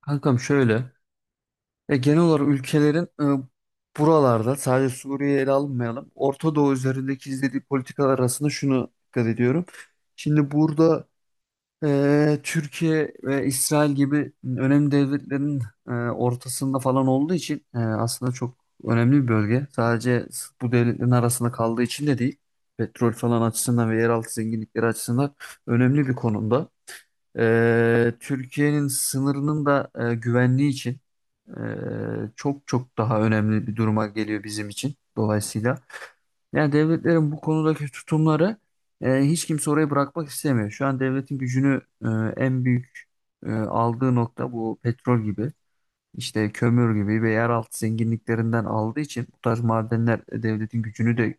Kankam şöyle. Ya genel olarak ülkelerin buralarda sadece Suriye'yi ele almayalım. Orta Doğu üzerindeki izlediği politikalar arasında şunu dikkat ediyorum. Şimdi burada Türkiye ve İsrail gibi önemli devletlerin ortasında falan olduğu için aslında çok önemli bir bölge. Sadece bu devletlerin arasında kaldığı için de değil. Petrol falan açısından ve yeraltı zenginlikleri açısından önemli bir konumda. Türkiye'nin sınırının da güvenliği için çok çok daha önemli bir duruma geliyor bizim için dolayısıyla. Yani devletlerin bu konudaki tutumları hiç kimse orayı bırakmak istemiyor. Şu an devletin gücünü en büyük aldığı nokta bu petrol gibi, işte kömür gibi ve yeraltı zenginliklerinden aldığı için bu tarz madenler devletin gücünü de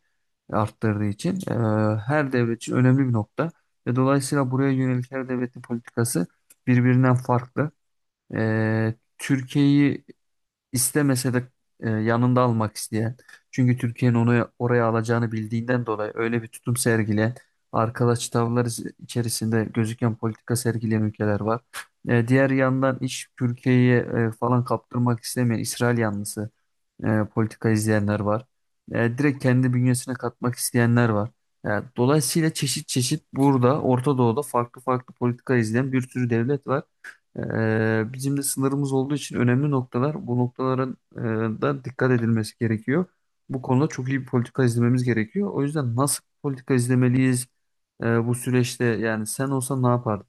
arttırdığı için her devlet için önemli bir nokta. Ve dolayısıyla buraya yönelik her devletin politikası birbirinden farklı. Türkiye'yi İstemese de yanında almak isteyen, çünkü Türkiye'nin onu oraya alacağını bildiğinden dolayı öyle bir tutum sergileyen, arkadaş tavırlar içerisinde gözüken politika sergileyen ülkeler var. Diğer yandan iş Türkiye'ye falan kaptırmak istemeyen İsrail yanlısı politika izleyenler var. Direkt kendi bünyesine katmak isteyenler var. E, Dolayısıyla çeşit çeşit burada Orta Doğu'da farklı farklı politika izleyen bir sürü devlet var. Bizim de sınırımız olduğu için önemli noktalar bu noktaların da dikkat edilmesi gerekiyor. Bu konuda çok iyi bir politika izlememiz gerekiyor. O yüzden nasıl politika izlemeliyiz bu süreçte yani sen olsan ne yapardın?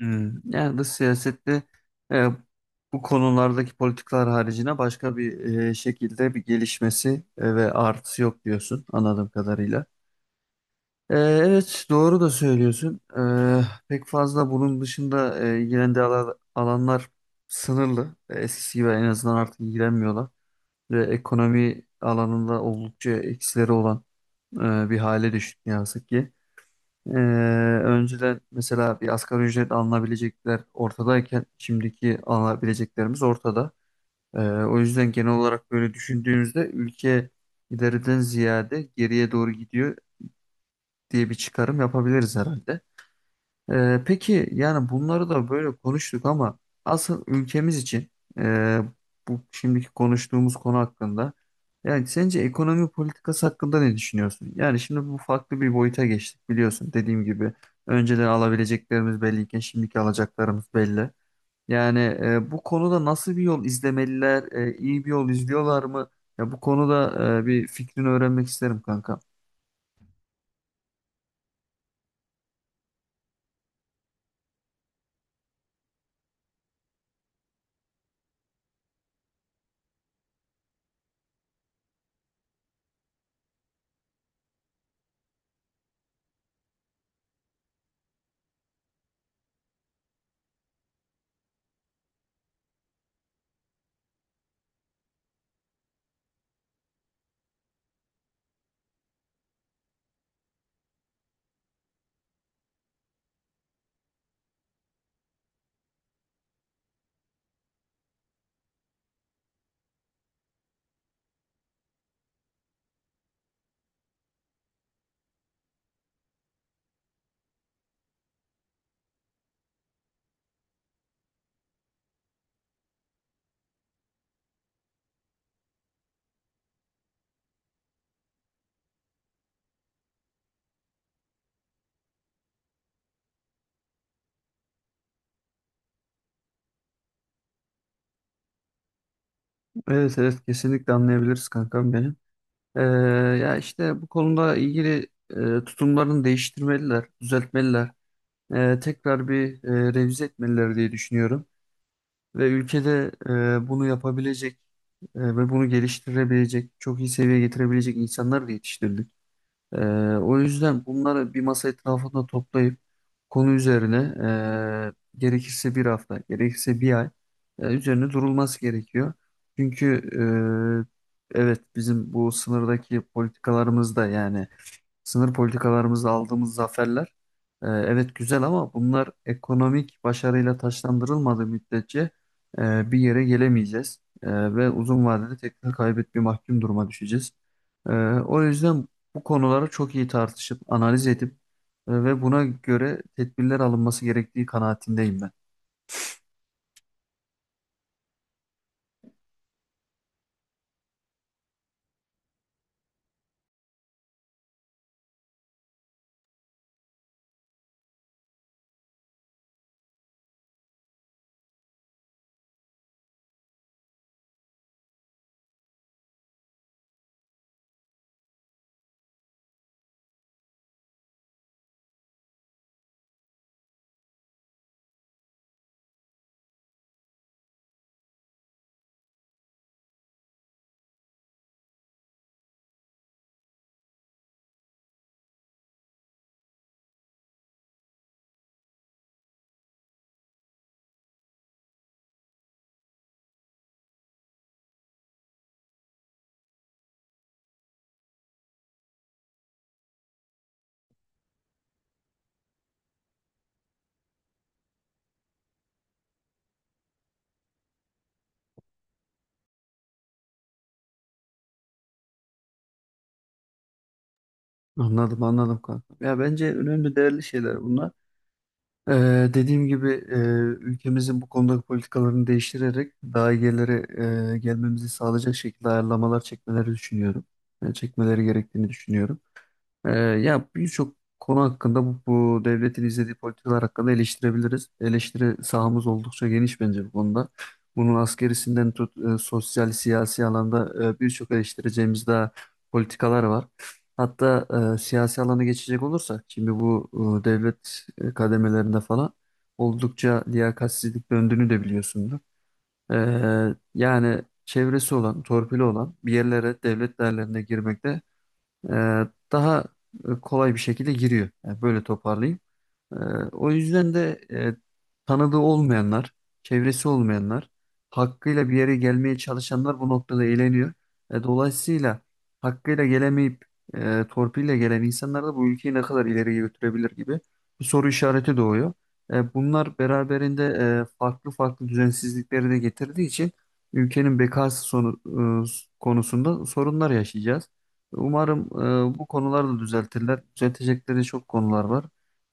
Yani dış siyasette e, bu konulardaki politikalar haricine başka bir şekilde bir gelişmesi ve artısı yok diyorsun anladığım kadarıyla. Evet doğru da söylüyorsun. Pek fazla bunun dışında ilgilendiği alanlar sınırlı. Eskisi gibi en azından artık ilgilenmiyorlar. Ve ekonomi alanında oldukça eksileri olan bir hale düştük ne yazık ki. Ee, Önceden mesela bir asgari ücret alınabilecekler ortadayken şimdiki alınabileceklerimiz ortada. O yüzden genel olarak böyle düşündüğümüzde ülke ileriden ziyade geriye doğru gidiyor diye bir çıkarım yapabiliriz herhalde. Peki yani bunları da böyle konuştuk ama asıl ülkemiz için e, bu şimdiki konuştuğumuz konu hakkında yani sence ekonomi politikası hakkında ne düşünüyorsun? Yani şimdi bu farklı bir boyuta geçtik biliyorsun dediğim gibi önceden alabileceklerimiz belliyken şimdiki alacaklarımız belli. Yani bu konuda nasıl bir yol izlemeliler, iyi bir yol izliyorlar mı? Ya bu konuda bir fikrini öğrenmek isterim kanka. Evet, evet, kesinlikle anlayabiliriz kankam benim. Ee, Ya işte bu konuda ilgili tutumlarını değiştirmeliler, düzeltmeliler. Tekrar bir revize etmeliler diye düşünüyorum. Ve ülkede bunu yapabilecek ve bunu geliştirebilecek, çok iyi seviyeye getirebilecek insanlar da yetiştirdik. Ee, O yüzden bunları bir masa etrafında toplayıp konu üzerine gerekirse bir hafta, gerekirse bir ay üzerine durulması gerekiyor. Çünkü evet bizim bu sınırdaki politikalarımız da yani sınır politikalarımızda aldığımız zaferler evet güzel ama bunlar ekonomik başarıyla taçlandırılmadığı müddetçe bir yere gelemeyeceğiz. Ve uzun vadede tekrar kaybet bir mahkum duruma düşeceğiz. E, O yüzden bu konuları çok iyi tartışıp analiz edip ve buna göre tedbirler alınması gerektiği kanaatindeyim ben. Anladım, anladım kanka. Ya bence önemli değerli şeyler bunlar. Ee, Dediğim gibi ülkemizin bu konudaki politikalarını değiştirerek daha iyi yerlere gelmemizi sağlayacak şekilde ayarlamalar çekmeleri düşünüyorum. Çekmeleri gerektiğini düşünüyorum. Ya birçok konu hakkında bu devletin izlediği politikalar hakkında eleştirebiliriz. Eleştiri sahamız oldukça geniş bence bu konuda. Bunun askerisinden tut sosyal, siyasi alanda birçok eleştireceğimiz daha politikalar var. Hatta siyasi alana geçecek olursak şimdi bu devlet kademelerinde falan oldukça liyakatsizlik döndüğünü de biliyorsundur. Yani çevresi olan, torpili olan bir yerlere devlet değerlerine girmekte daha kolay bir şekilde giriyor. Yani böyle toparlayayım. Ee, O yüzden de tanıdığı olmayanlar, çevresi olmayanlar, hakkıyla bir yere gelmeye çalışanlar bu noktada eğleniyor. Dolayısıyla hakkıyla gelemeyip torpille gelen insanlar da bu ülkeyi ne kadar ileriye götürebilir gibi bir soru işareti doğuyor. Bunlar beraberinde farklı farklı düzensizlikleri de getirdiği için ülkenin bekası sonu, konusunda sorunlar yaşayacağız. Umarım bu konular da düzeltirler. Düzeltecekleri çok konular var.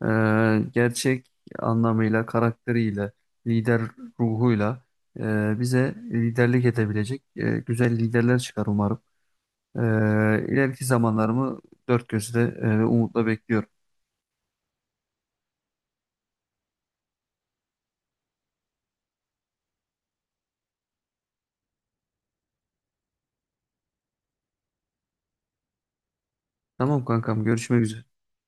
Gerçek anlamıyla, karakteriyle, lider ruhuyla bize liderlik edebilecek güzel liderler çıkar umarım. Ee, ileriki zamanlarımı dört gözle umutla bekliyorum. Tamam kankam, görüşmek üzere.